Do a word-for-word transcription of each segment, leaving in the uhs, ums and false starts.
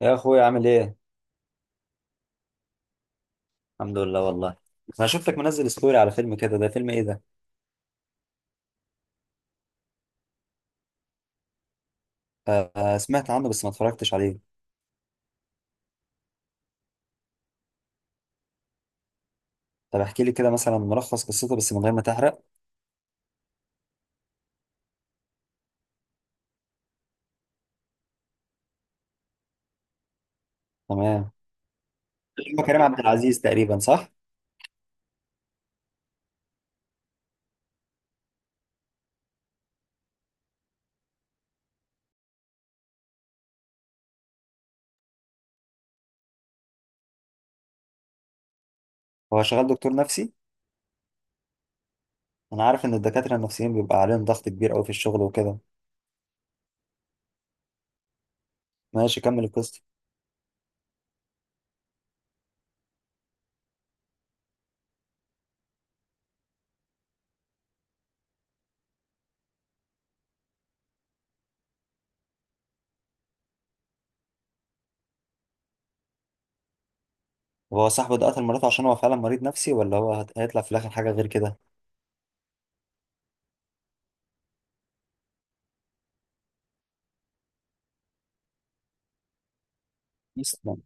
يا اخويا، عامل ايه؟ الحمد لله والله. انا شفتك منزل ستوري على فيلم كده، ده فيلم ايه ده؟ آه، آه، سمعت عنه بس ما اتفرجتش عليه. طب احكي لي كده مثلا ملخص قصته، بس من غير ما تحرق. تمام. فيلم كريم عبد العزيز تقريبا، صح؟ هو شغال دكتور نفسي؟ انا عارف ان الدكاتره النفسيين بيبقى عليهم ضغط كبير قوي في الشغل وكده. ماشي، كمل القصه. طب هو صاحبه ده قتل مراته عشان هو فعلا مريض نفسي، ولا هو هت- هيطلع في الاخر حاجه غير كده؟ يسلم.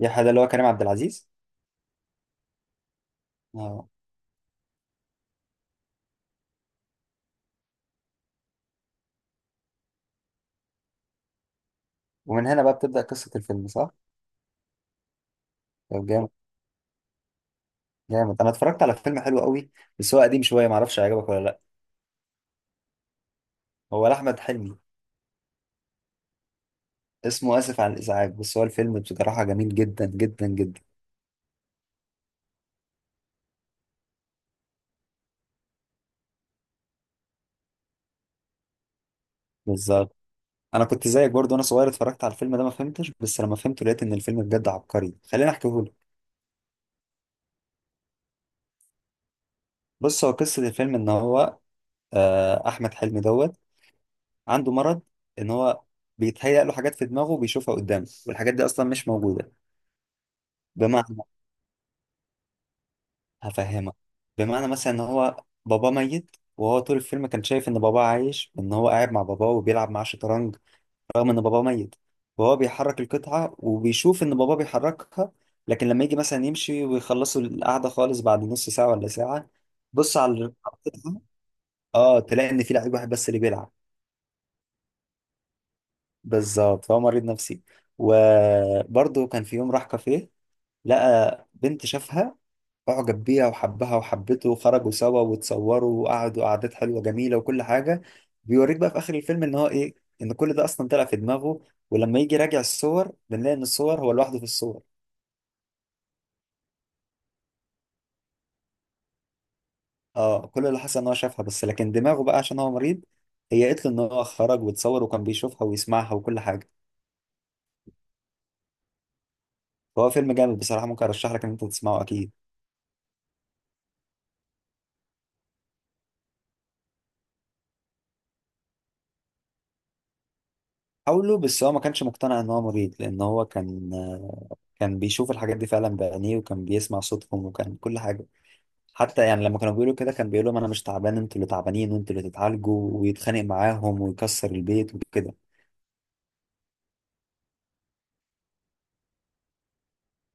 يا حدا اللي هو كريم عبد العزيز؟ اه. ومن هنا بقى بتبدا قصه الفيلم، صح؟ طب جامد. جامد، انا اتفرجت على فيلم حلو قوي. بس هو قديم شويه، معرفش هيعجبك ولا لا. هو لاحمد حلمي. اسمه اسف على الازعاج، بس هو الفيلم بصراحه جميل جدا جدا جدا. بالظبط. انا كنت زيك برضو، وانا صغير اتفرجت على الفيلم ده ما فهمتش، بس لما فهمته لقيت ان الفيلم بجد عبقري. خليني احكيهولك. بص، هو قصه الفيلم ان هو آه، احمد حلمي دوت عنده مرض، ان هو بيتهيأ له حاجات في دماغه وبيشوفها قدامه، والحاجات دي اصلا مش موجوده. بمعنى، هفهمك. بمعنى مثلا ان هو باباه ميت، وهو طول الفيلم كان شايف ان باباه عايش، ان هو قاعد مع باباه وبيلعب معاه شطرنج رغم ان باباه ميت. وهو بيحرك القطعة وبيشوف ان باباه بيحركها. لكن لما يجي مثلا يمشي ويخلصوا القعدة خالص بعد نص ساعة ولا ساعة، بص على القطعة اه، تلاقي ان في لعيب واحد بس اللي بيلعب. بالظبط، فهو مريض نفسي. وبرضه كان في يوم راح كافيه، لقى بنت شافها، اعجب بيها وحبها وحبته، وخرجوا سوا وتصوروا وقعدوا قعدات حلوه جميله وكل حاجه. بيوريك بقى في اخر الفيلم ان هو ايه؟ ان كل ده اصلا طلع في دماغه. ولما يجي راجع الصور، بنلاقي ان الصور هو لوحده في الصور. اه، كل اللي حصل ان هو شافها بس، لكن دماغه بقى عشان هو مريض، هي قالت له ان هو خرج وتصور، وكان بيشوفها ويسمعها وكل حاجه. فهو فيلم جامد بصراحه، ممكن ارشح لك ان انت تسمعه اكيد. حاوله، بس هو ما كانش مقتنع ان هو مريض، لان هو كان كان بيشوف الحاجات دي فعلا بعينيه، وكان بيسمع صوتهم وكان كل حاجه. حتى يعني لما كانوا بيقولوا كده، كان بيقول لهم انا مش تعبان، انتوا اللي تعبانين وانتوا اللي تتعالجوا، ويتخانق معاهم ويكسر البيت وكده.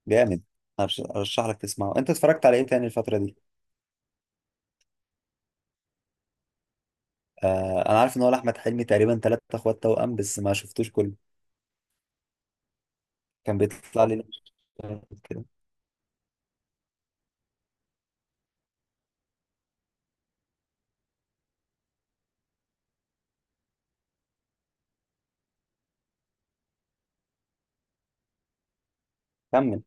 جامد. أرش- ارشح لك تسمعه. انت اتفرجت على ايه تاني الفتره دي؟ آه انا عارف ان هو لاحمد حلمي تقريبا، ثلاثة اخوات توأم بس ما شفتوش كله. كان بيطلع لي كده. كمل.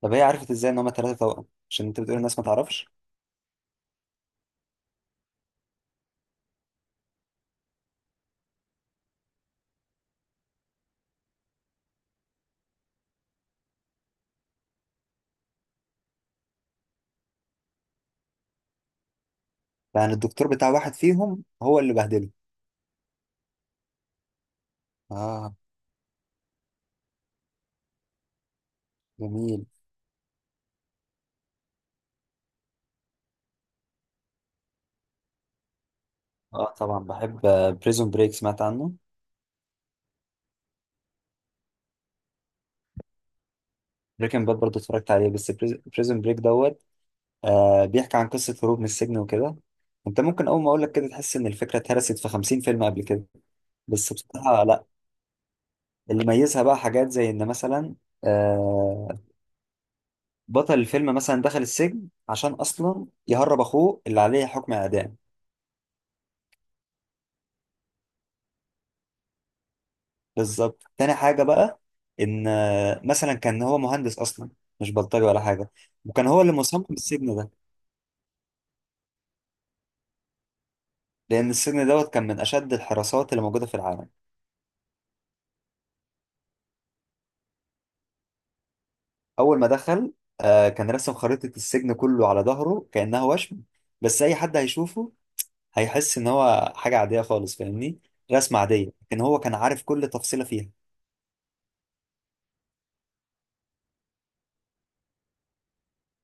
طب هي عرفت ازاي ان هما ثلاثة توأم؟ عشان انت بتقول الناس ما تعرفش. يعني الدكتور بتاع واحد فيهم هو اللي بهدله؟ اه. جميل. اه، طبعا بحب. بريزون بريك، سمعت عنه؟ بريكنج باد برضه اتفرجت عليه، بس بريزون بريك دوت آه بيحكي عن قصة هروب من السجن وكده. انت ممكن اول ما اقول لك كده، تحس ان الفكرة اتهرست في خمسين فيلم قبل كده. بس بصراحة لا. اللي ميزها بقى حاجات زي ان مثلا آه بطل الفيلم مثلا دخل السجن عشان اصلا يهرب اخوه اللي عليه حكم اعدام. بالظبط. تاني حاجة بقى، ان آه، مثلا كان هو مهندس اصلا، مش بلطجي ولا حاجة. وكان هو اللي مصمم السجن ده، لان السجن دوت كان من اشد الحراسات اللي موجودة في العالم. اول ما دخل آه كان رسم خريطة السجن كله على ظهره كأنها وشم. بس اي حد هيشوفه، هيحس ان هو حاجة عادية خالص، فاهمني؟ رسمة عادية، لكن هو كان عارف كل تفصيلة فيها.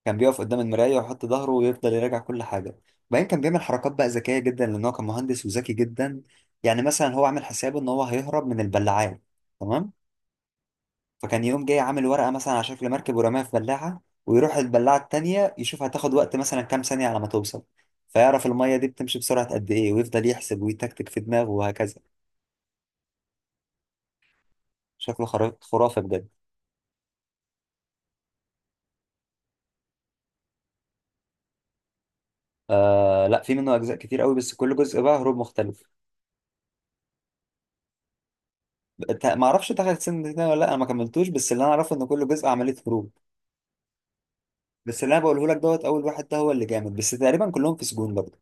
كان بيقف قدام المراية ويحط ظهره ويفضل يراجع كل حاجة. وبعدين كان بيعمل حركات بقى ذكية جدا، لان هو كان مهندس وذكي جدا. يعني مثلا هو عامل حسابه ان هو هيهرب من البلاعات. تمام. فكان يقوم جاي عامل ورقة مثلا على شكل مركب ورماها في بلاعة، ويروح البلاعة التانية يشوف هتاخد وقت مثلا كام ثانية على ما توصل. فيعرف المية دي بتمشي بسرعة قد إيه، ويفضل يحسب ويتكتك في دماغه وهكذا. شكله خرا- خرافة بجد. آه لا، في منه أجزاء كتير قوي، بس كل جزء بقى هروب مختلف. ت- ما أعرفش دخل السن ده ولا لأ، أنا ما كملتوش، بس اللي أنا أعرفه إن كل جزء عملية هروب. بس اللي أنا بقوله لك دوت أول واحد ده هو اللي جامد، بس تقريبا كلهم في سجون برضه.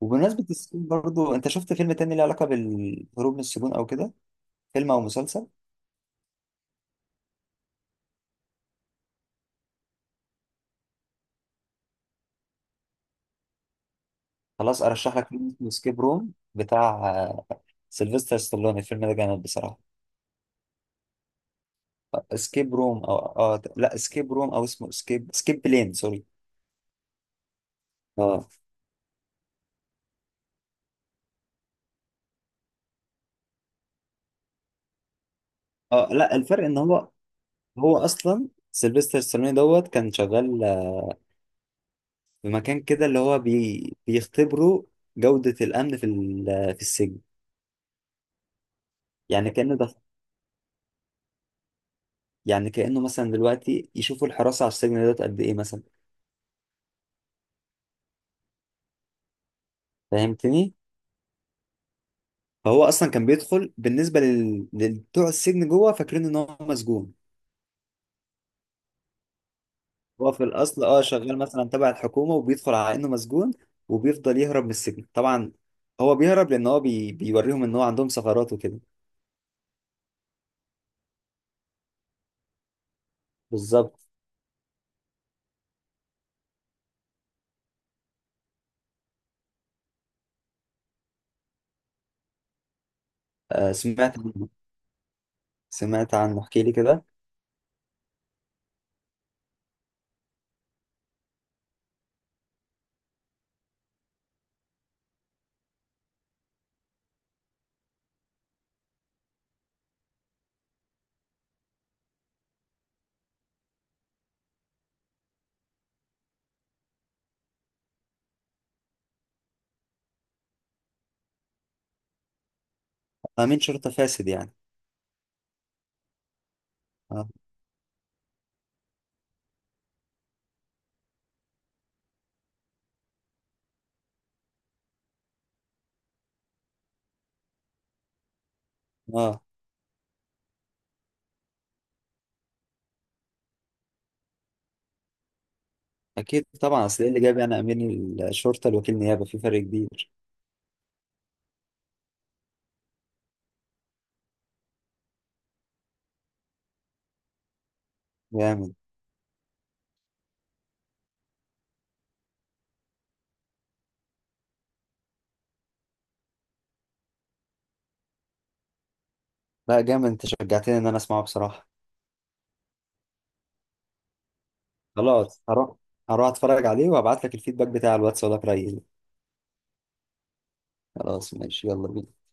وبمناسبة السجون برضه، أنت شفت فيلم تاني له علاقة بالهروب من السجون أو كده؟ فيلم أو مسلسل؟ خلاص، ارشح لك فيلم اسمه اسكيب روم بتاع آه، سيلفستر ستالوني. الفيلم ده جامد بصراحه. اسكيب روم او اه لا، اسكيب روم، او اسمه اسكيب اسكيب بلين، سوري. اه. اه، لا، الفرق ان هو، هو اصلا سيلفستر ستالوني دوت كان شغال، آه، في مكان كده اللي هو بي بيختبروا جوده الامن في ال- آه، في السجن. يعني كانه ده، يعني كانه مثلا دلوقتي يشوفوا الحراسه على السجن دوت قد ايه مثلا. فهمتني؟ فهو اصلا كان بيدخل بالنسبه لل... لبتوع السجن جوه، فاكرين ان هو مسجون. هو في الاصل اه شغال مثلا تبع الحكومه، وبيدخل على انه مسجون. وبيفضل يهرب من السجن طبعا. هو بيهرب لان هو بي... بيوريهم ان هو عندهم ثغرات وكده. بالظبط. آه سمعت عنه. سمعت عنه، احكي لي كده. امين شرطه فاسد يعني؟ اه. اه، اكيد طبعا، اصل ايه اللي جاب يعني امين الشرطه لوكيل نيابه، في فرق كبير. جامد. لا، جامد، انت شجعتني ان انا اسمعه بصراحه. خلاص، هروح. هروح اتفرج عليه وابعت لك الفيدباك بتاع الواتس ولا رأيي. خلاص، ماشي، يلا بينا.